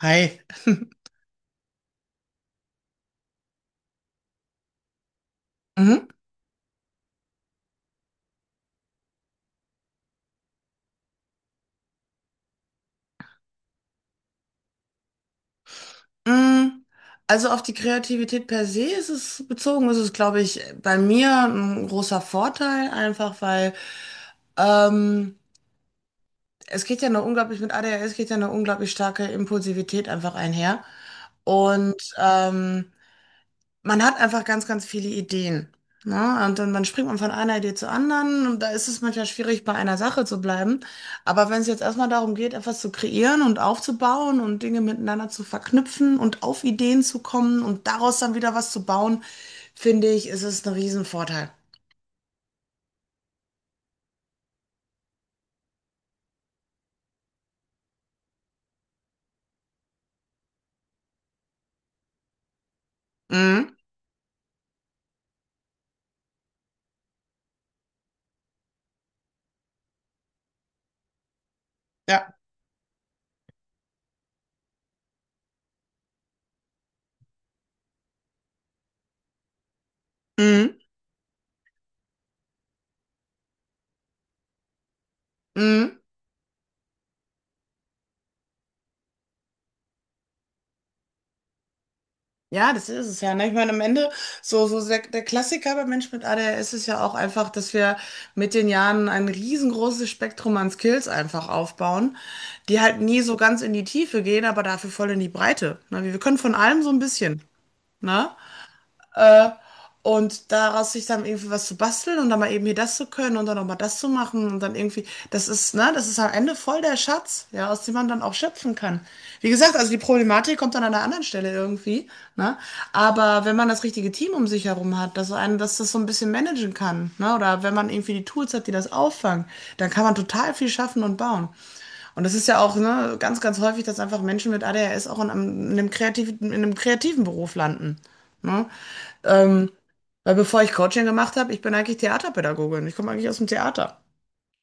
Hi. Mhm. Mm, Also auf die Kreativität per se ist es bezogen, ist es, glaube ich, bei mir ein großer Vorteil, einfach weil ähm, es geht ja eine unglaublich, mit ADHS geht ja eine unglaublich starke Impulsivität einfach einher. Und man hat einfach ganz, ganz viele Ideen. Ne? Und dann springt man von einer Idee zur anderen und da ist es manchmal schwierig, bei einer Sache zu bleiben. Aber wenn es jetzt erstmal darum geht, etwas zu kreieren und aufzubauen und Dinge miteinander zu verknüpfen und auf Ideen zu kommen und daraus dann wieder was zu bauen, finde ich, ist es ein Riesenvorteil. Mhm. Ja. Mhm. Mhm. Ja, das ist es ja. Ne? Ich meine, am Ende, so der Klassiker beim Menschen mit ADHS ist ja auch einfach, dass wir mit den Jahren ein riesengroßes Spektrum an Skills einfach aufbauen, die halt nie so ganz in die Tiefe gehen, aber dafür voll in die Breite. Ne? Wir können von allem so ein bisschen. Ne? Und daraus sich dann irgendwie was zu basteln und dann mal eben hier das zu können und dann auch mal das zu machen und dann irgendwie, das ist, ne, das ist am Ende voll der Schatz, ja, aus dem man dann auch schöpfen kann. Wie gesagt, also die Problematik kommt dann an einer anderen Stelle irgendwie, ne? Aber wenn man das richtige Team um sich herum hat, dass einen, dass das so ein bisschen managen kann, ne? Oder wenn man irgendwie die Tools hat, die das auffangen, dann kann man total viel schaffen und bauen. Und das ist ja auch, ne, ganz, ganz häufig, dass einfach Menschen mit ADHS auch in einem kreativen Beruf landen. Ne? Ähm, weil bevor ich Coaching gemacht habe, ich bin eigentlich Theaterpädagogin. Ich komme eigentlich aus dem Theater.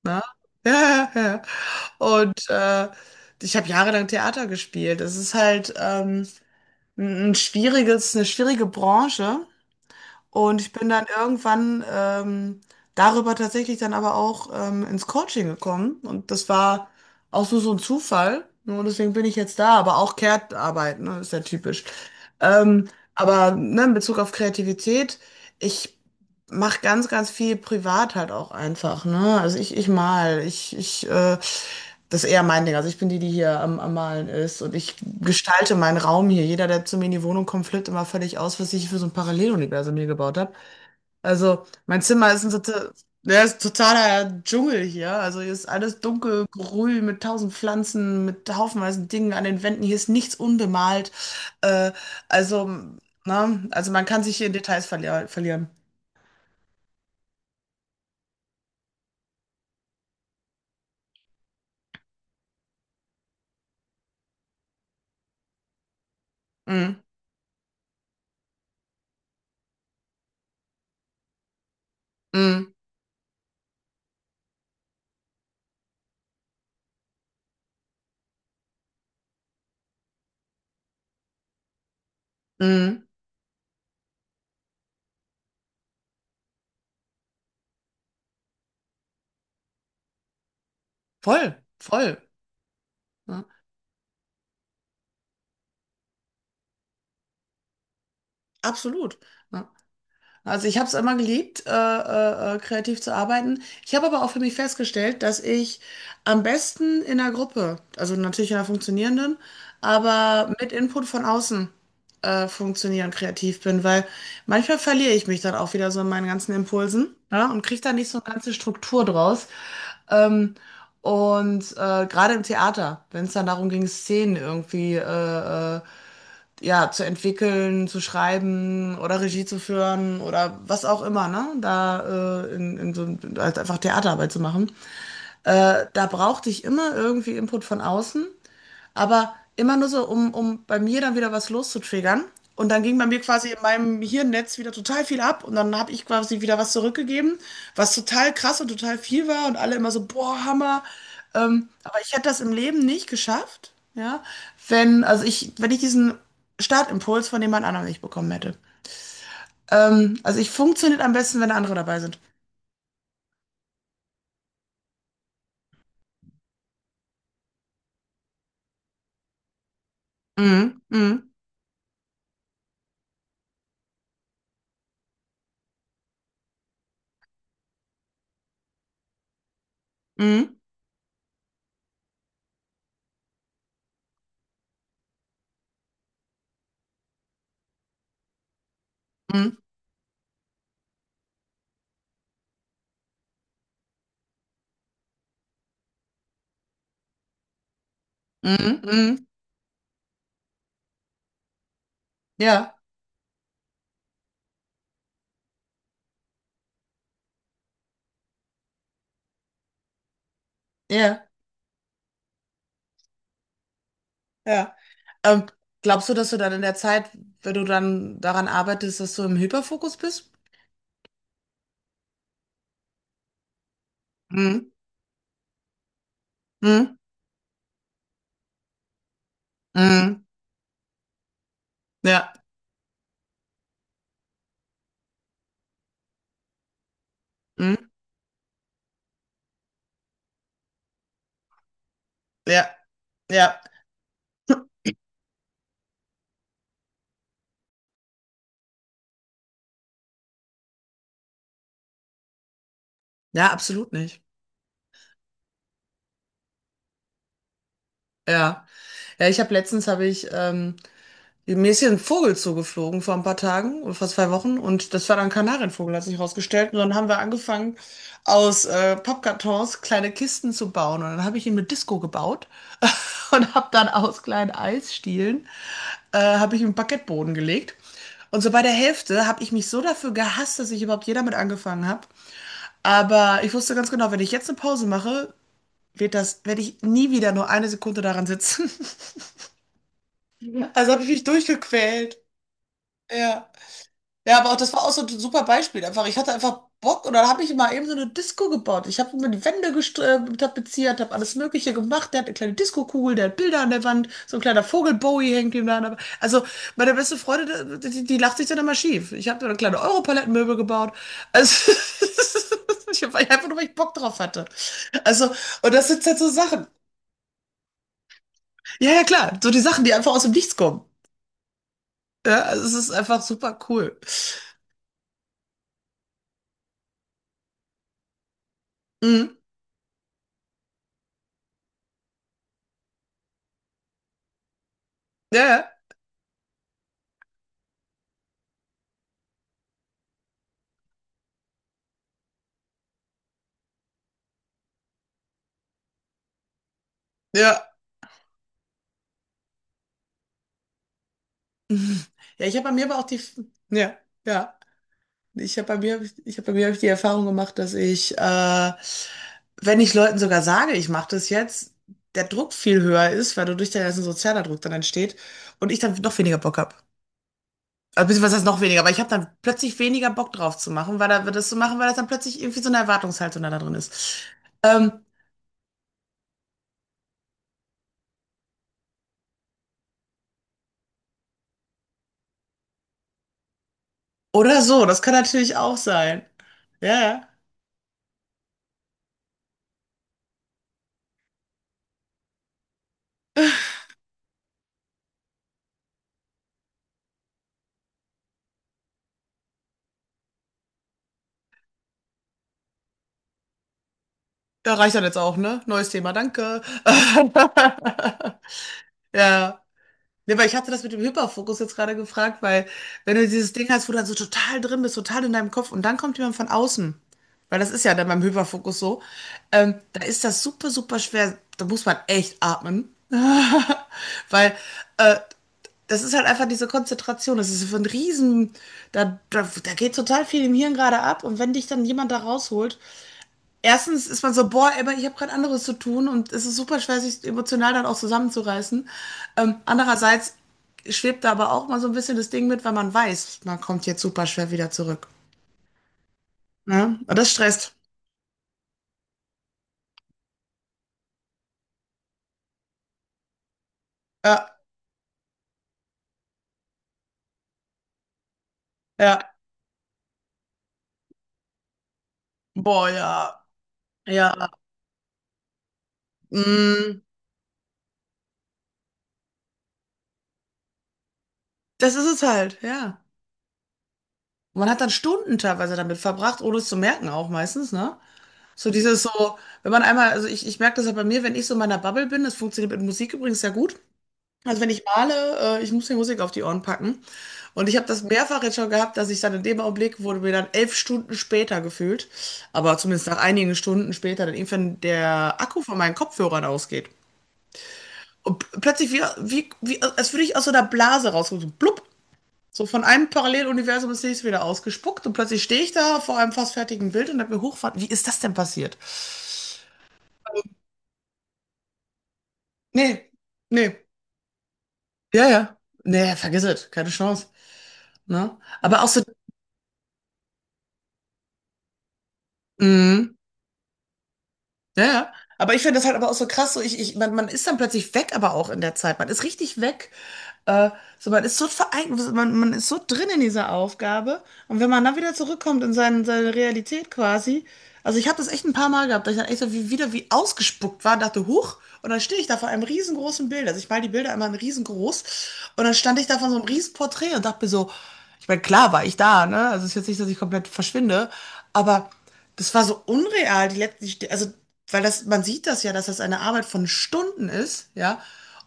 Ne? Ja, ja, ja. Und ich habe jahrelang Theater gespielt. Es ist halt eine schwierige Branche. Und ich bin dann irgendwann darüber tatsächlich dann aber auch ins Coaching gekommen. Und das war auch so ein Zufall. Nur deswegen bin ich jetzt da, aber auch Care-Arbeit, ne, ist ja typisch. Ähm, aber ne, in Bezug auf Kreativität, ich mache ganz, ganz viel privat halt auch einfach, ne? Also ich mal, ich, das ist eher mein Ding. Also ich bin die, die hier am Malen ist und ich gestalte meinen Raum hier. Jeder, der zu mir in die Wohnung kommt, flippt immer völlig aus, was ich für so ein Paralleluniversum hier gebaut habe. Also mein Zimmer ist ja, ist totaler Dschungel hier. Also hier ist alles dunkelgrün mit 1.000 Pflanzen, mit haufenweise Dingen an den Wänden. Hier ist nichts unbemalt. Äh, also, ne? Also man kann sich hier in Details verlieren. Mhm. Mhm. Mhm. Voll, voll. Ja, absolut. Ja. Also ich habe es immer geliebt, kreativ zu arbeiten. Ich habe aber auch für mich festgestellt, dass ich am besten in einer Gruppe, also natürlich in einer funktionierenden, aber mit Input von außen funktionieren kreativ bin, weil manchmal verliere ich mich dann auch wieder so in meinen ganzen Impulsen, ja, und kriege da nicht so eine ganze Struktur draus. Ähm, und gerade im Theater, wenn es dann darum ging, Szenen irgendwie ja, zu entwickeln, zu schreiben oder Regie zu führen oder was auch immer, ne? Da in so, halt einfach Theaterarbeit zu machen. Da brauchte ich immer irgendwie Input von außen. Aber immer nur so, um bei mir dann wieder was loszutriggern. Und dann ging bei mir quasi in meinem Hirnnetz wieder total viel ab und dann habe ich quasi wieder was zurückgegeben, was total krass und total viel war und alle immer so, boah, Hammer. Aber ich hätte das im Leben nicht geschafft, ja, wenn ich diesen Startimpuls von jemand anderem nicht bekommen hätte. Also ich funktioniert am besten, wenn andere dabei sind. Mhm, mhm, mhm, mhm, mhm, mhm. Ja, ja. Ja. Ähm, glaubst du, dass du dann in der Zeit, wenn du dann daran arbeitest, dass du im Hyperfokus bist? Mhm. Mhm. Mhm. Ja. Mhm. Ja. Ja. Ja, absolut nicht. Ja. Ja, ich habe letztens habe ich mir ist hier ein Vogel zugeflogen vor ein paar Tagen oder vor 2 Wochen und das war dann ein Kanarienvogel, hat sich rausgestellt. Und dann haben wir angefangen, aus Pappkartons kleine Kisten zu bauen. Und dann habe ich ihn mit Disco gebaut und habe dann aus kleinen Eisstielen habe ich einen Parkettboden gelegt. Und so bei der Hälfte habe ich mich so dafür gehasst, dass ich überhaupt jeder mit angefangen habe. Aber ich wusste ganz genau, wenn ich jetzt eine Pause mache, werde ich nie wieder nur eine Sekunde daran sitzen. Also habe ich mich durchgequält. Ja. Ja, aber auch das war auch so ein super Beispiel. Einfach, ich hatte einfach Bock und dann habe ich mal eben so eine Disco gebaut. Ich habe mir die Wände tapeziert, habe alles Mögliche gemacht. Der hat eine kleine Disco-Kugel, der hat Bilder an der Wand, so ein kleiner Vogel Bowie hängt ihm da an der Wand. Also meine beste Freundin, die lacht sich dann immer schief. Ich habe da kleine Europalettenmöbel gebaut. Also ich habe einfach nur, weil ich Bock drauf hatte. Also, und das sind jetzt so Sachen. Ja, ja, klar, so die Sachen, die einfach aus dem Nichts kommen. Ja, also es ist einfach super cool. Mhm. Ja, ja. Ja, mhm. Ja, ich habe bei mir aber auch die, ja, ja. Ich habe bei mir hab ich die Erfahrung gemacht, dass ich, wenn ich Leuten sogar sage, ich mache das jetzt, der Druck viel höher ist, weil dadurch der ganze sozialer Druck dann entsteht und ich dann noch weniger Bock habe. Also beziehungsweise heißt noch weniger, aber ich habe dann plötzlich weniger Bock drauf zu machen, das zu machen, weil das dann plötzlich irgendwie so eine Erwartungshaltung da drin ist. Ähm, oder so, das kann natürlich auch sein. Ja, ja. Ja, reicht dann jetzt auch, ne? Neues Thema, danke. Ja. Ne, weil ich hatte das mit dem Hyperfokus jetzt gerade gefragt, weil wenn du dieses Ding hast, wo du dann so total drin bist, total in deinem Kopf und dann kommt jemand von außen, weil das ist ja dann beim Hyperfokus so, da ist das super, super schwer, da muss man echt atmen, weil äh, das ist halt einfach diese Konzentration, das ist so ein Riesen, da geht total viel im Hirn gerade ab und wenn dich dann jemand da rausholt, erstens ist man so, boah, aber ich habe gerade anderes zu tun und es ist super schwer, sich emotional dann auch zusammenzureißen. Andererseits schwebt da aber auch mal so ein bisschen das Ding mit, weil man weiß, man kommt jetzt super schwer wieder zurück. Ne? Und das stresst. Ja, ja, boah, ja, ja. Mm, das ist es halt, ja. Man hat dann Stunden teilweise damit verbracht, ohne es zu merken auch meistens, ne? So dieses so, wenn man einmal, also ich merke das ja bei mir, wenn ich so in meiner Bubble bin, das funktioniert mit Musik übrigens sehr gut, also wenn ich male, ich muss die Musik auf die Ohren packen. Und ich habe das mehrfach jetzt schon gehabt, dass ich dann in dem Augenblick wurde mir dann 11 Stunden später gefühlt, aber zumindest nach einigen Stunden später, dann irgendwann der Akku von meinen Kopfhörern ausgeht. Und plötzlich wie als würde ich aus so einer Blase rauskommen, so blub. So von einem Paralleluniversum ins nächste wieder ausgespuckt und plötzlich stehe ich da vor einem fast fertigen Bild und habe mir hochfahren. Wie ist das denn passiert? Nee, nee. Ja, ja. Nee, vergiss es. Keine Chance. Ne? Aber auch so, mm, ja, ja. Aber ich finde das halt aber auch so krass, so man ist dann plötzlich weg, aber auch in der Zeit. Man ist richtig weg. Äh, so, man ist so verein, man ist so drin in dieser Aufgabe. Und wenn man dann wieder zurückkommt in seine Realität quasi, also ich habe das echt ein paar Mal gehabt, dass ich dann echt so wieder wie ausgespuckt war und dachte, huch, und dann stehe ich da vor einem riesengroßen Bild. Also ich mal die Bilder immer in riesengroß. Und dann stand ich da vor so einem riesen Porträt und dachte mir so, ich meine, klar war ich da, ne? Also es ist jetzt nicht, dass ich komplett verschwinde, aber das war so unreal, die letzten, also, weil das, man sieht das ja, dass das eine Arbeit von Stunden ist, ja?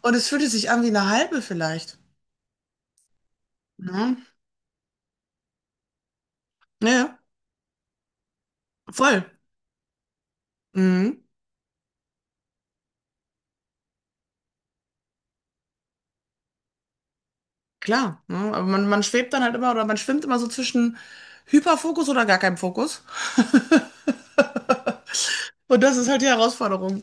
Und es fühlte sich an wie eine halbe vielleicht. Ne? Ja, ja, voll. Mhm, klar. Ne? Aber man schwebt dann halt immer oder man schwimmt immer so zwischen Hyperfokus oder gar keinem Fokus. Und das ist halt die Herausforderung.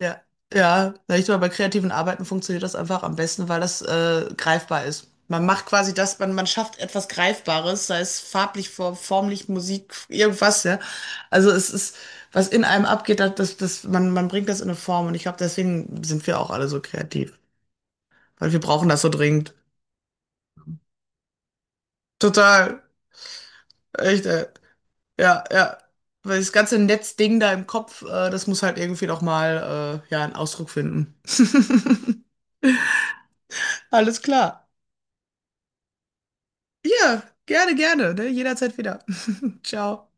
Ja, ja. Na, ich glaube, bei kreativen Arbeiten funktioniert das einfach am besten, weil das greifbar ist. Man macht quasi das, man schafft etwas Greifbares, sei es farblich, formlich, Musik, irgendwas, ja. Also es ist, was in einem abgeht, man bringt das in eine Form und ich glaube, deswegen sind wir auch alle so kreativ. Weil wir brauchen das so dringend. Total. Echt, ey. Ja, ja. Weil das ganze Netzding da im Kopf, das muss halt irgendwie noch mal ja, einen Ausdruck finden. Alles klar. Ja, gerne, gerne. Ne? Jederzeit wieder. Ciao.